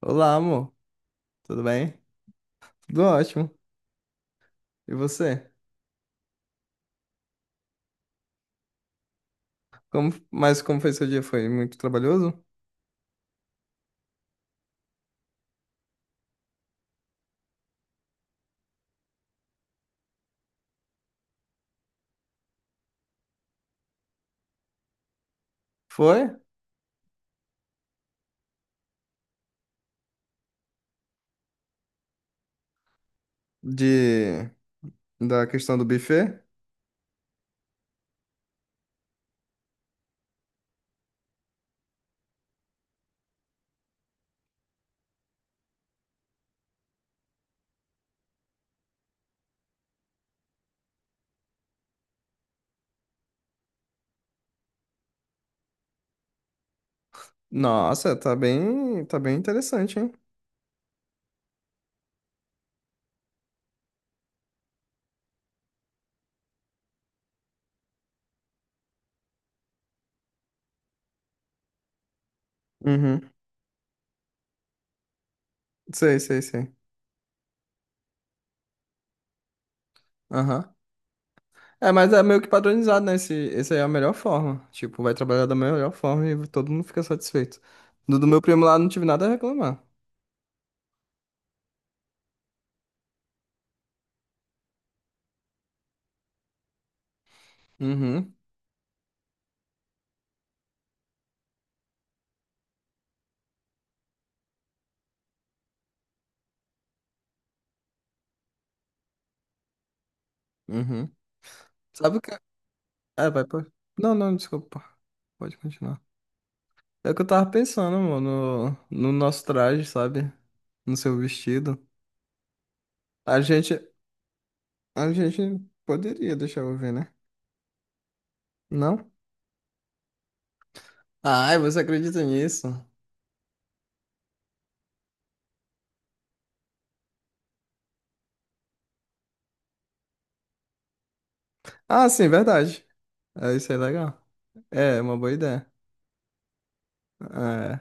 Olá, amor. Tudo bem? Tudo ótimo. E você? Mas como foi seu dia? Foi muito trabalhoso? Foi? De da questão do buffet? Nossa, tá bem interessante, hein? Uhum. Sei, sei, sei. Aham. É, mas é meio que padronizado, né? Esse aí é a melhor forma. Tipo, vai trabalhar da melhor forma e todo mundo fica satisfeito. Do meu primo lá, não tive nada a reclamar. Uhum, uhum. Sabe o que? É, é, vai, pô. Não, não, desculpa. Pode continuar. É o que eu tava pensando, mano, no nosso traje, sabe? No seu vestido. A gente, a gente poderia deixar eu ver, né? Não? Ai, você acredita nisso? Ah, sim, verdade. É, isso é legal. É, é uma boa ideia. É,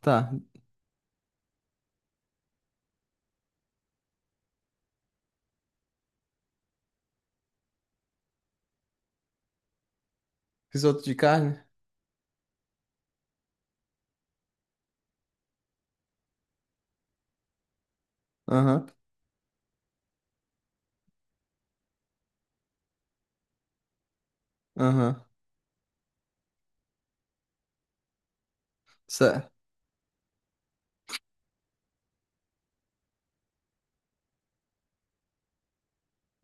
tá. Risoto de carne? Aham, aham. Certo.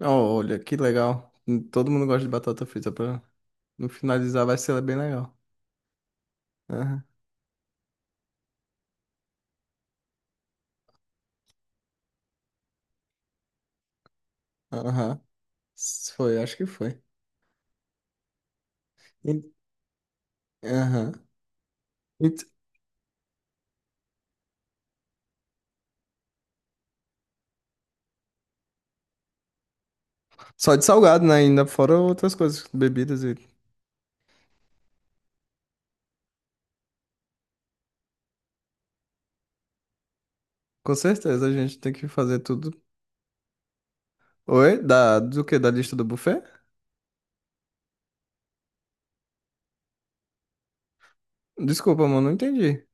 Ó, olha, que legal. Todo mundo gosta de batata frita pra no finalizar vai ser bem legal. Aham, aham. S- foi, acho que foi. E- aham. Só de salgado, né? Ainda fora outras coisas, bebidas e. Com certeza a gente tem que fazer tudo. Oi? Da... Do quê? Da lista do buffet? Desculpa, mano, não entendi.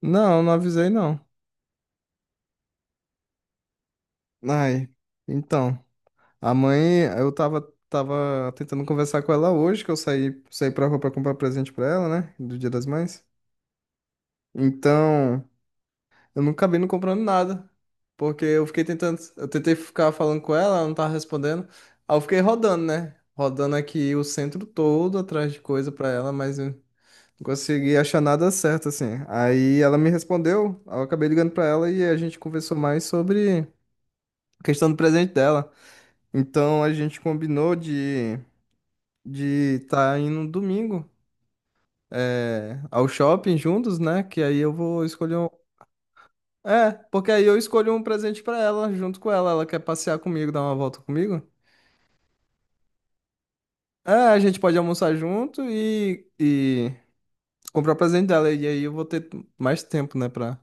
Não, não avisei, não. Ai, então. A mãe, tava tentando conversar com ela hoje, que eu saí pra rua pra comprar presente pra ela, né? Do Dia das Mães. Então. Eu nunca vi não comprando nada. Porque eu fiquei tentando. Eu tentei ficar falando com ela, ela não tava respondendo. Aí eu fiquei rodando, né? Rodando aqui o centro todo atrás de coisa pra ela, mas eu não consegui achar nada certo, assim. Aí ela me respondeu, aí eu acabei ligando pra ela e a gente conversou mais sobre a questão do presente dela. Então a gente combinou de estar tá indo no domingo. É, ao shopping juntos, né? Que aí eu vou escolher. É, porque aí eu escolho um presente pra ela junto com ela. Ela quer passear comigo, dar uma volta comigo? É, a gente pode almoçar junto e comprar o presente dela. E aí eu vou ter mais tempo, né, pra...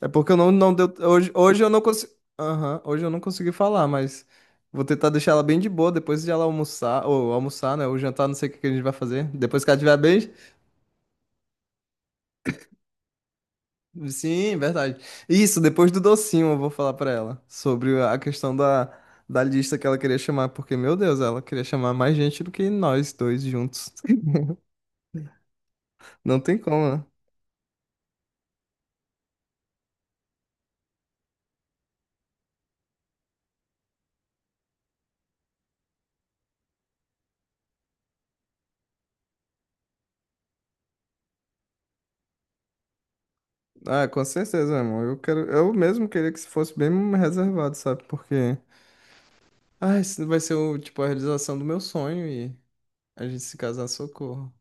É porque eu não deu... Hoje eu não consegui... Aham, hoje eu não consegui falar, mas vou tentar deixar ela bem de boa depois de ela almoçar, ou almoçar, né, ou jantar, não sei o que que a gente vai fazer. Depois que ela estiver bem. Sim, verdade. Isso, depois do docinho eu vou falar pra ela sobre a questão da lista que ela queria chamar, porque, meu Deus, ela queria chamar mais gente do que nós dois juntos. Não tem como, né? Ah, com certeza, meu irmão. Eu quero, eu mesmo queria que se fosse bem reservado, sabe? Porque, ah, isso vai ser o, tipo, a realização do meu sonho e a gente se casar, socorro.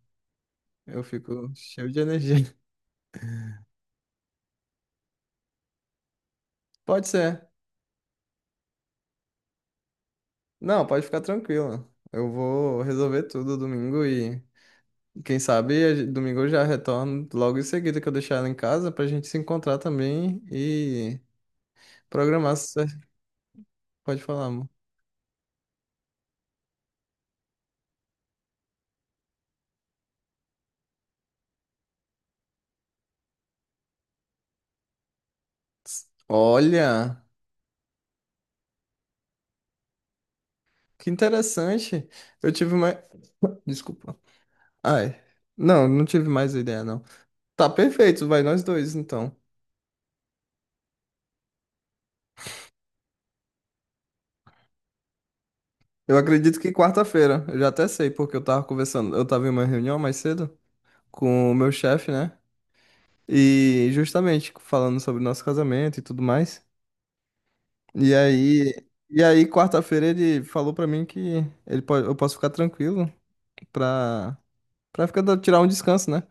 Eu fico cheio de energia. Pode ser. Não, pode ficar tranquila. Eu vou resolver tudo domingo e quem sabe a gen- domingo eu já retorno logo em seguida que eu deixar ela em casa pra gente se encontrar também e programar. Cer- pode falar, amor. Olha, que interessante. Eu tive mais. Desculpa. Ai. Não, não tive mais ideia, não. Tá perfeito, vai nós dois então. Eu acredito que quarta-feira. Eu já até sei, porque eu tava conversando. Eu tava em uma reunião mais cedo com o meu chefe, né? E justamente falando sobre o nosso casamento e tudo mais. E aí, e aí quarta-feira ele falou pra mim que eu posso ficar tranquilo pra, pra ficar, dando- tirar um descanso, né?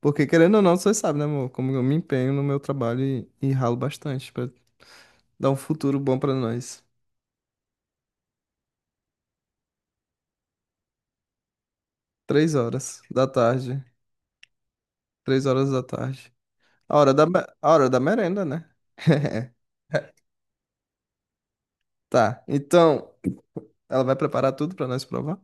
Porque querendo ou não, você sabe, né, amor? Como eu me empenho no meu trabalho e ralo bastante pra dar um futuro bom pra nós. Três horas da tarde. Três horas da tarde. A hora a hora da merenda, né? Tá. Então, ela vai preparar tudo pra nós provar?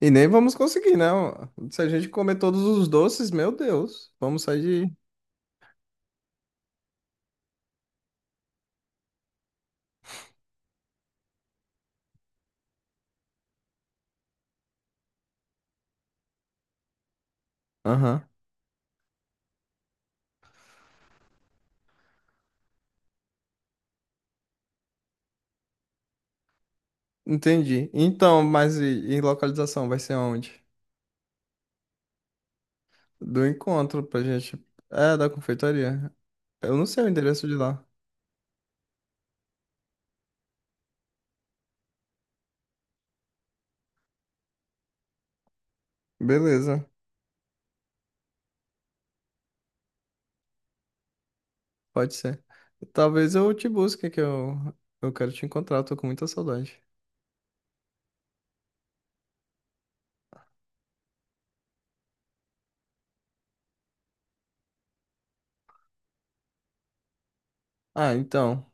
E nem vamos conseguir, né? Se a gente comer todos os doces, meu Deus, vamos sair de. Aham. Entendi. Então, mas e localização vai ser onde? Do encontro pra gente. É, da confeitaria. Eu não sei o endereço de lá. Beleza, pode ser. Talvez eu te busque, que eu quero te encontrar, eu tô com muita saudade. Ah, então,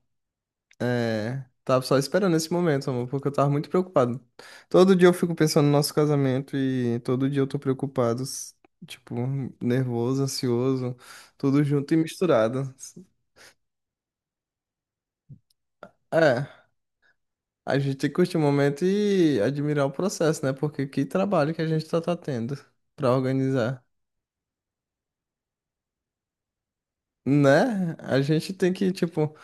é, tava só esperando esse momento, amor, porque eu tava muito preocupado. Todo dia eu fico pensando no nosso casamento e todo dia eu tô preocupado, s- tipo, nervoso, ansioso, tudo junto e misturado. É. A gente tem que curtir o momento e admirar o processo, né? Porque que trabalho que a gente tá tendo pra organizar, né? A gente tem que, tipo,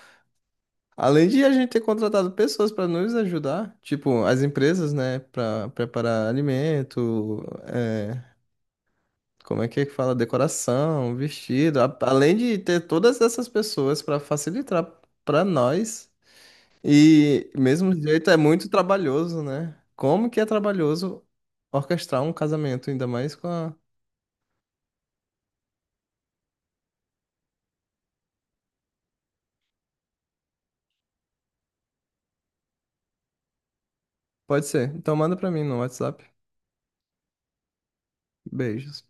além de a gente ter contratado pessoas para nos ajudar, tipo, as empresas, né, para preparar alimento, é, como é que fala? Decoração, vestido, a- além de ter todas essas pessoas para facilitar para nós. E mesmo jeito é muito trabalhoso, né? Como que é trabalhoso orquestrar um casamento, ainda mais com a... Pode ser. Então manda pra mim no WhatsApp. Beijos.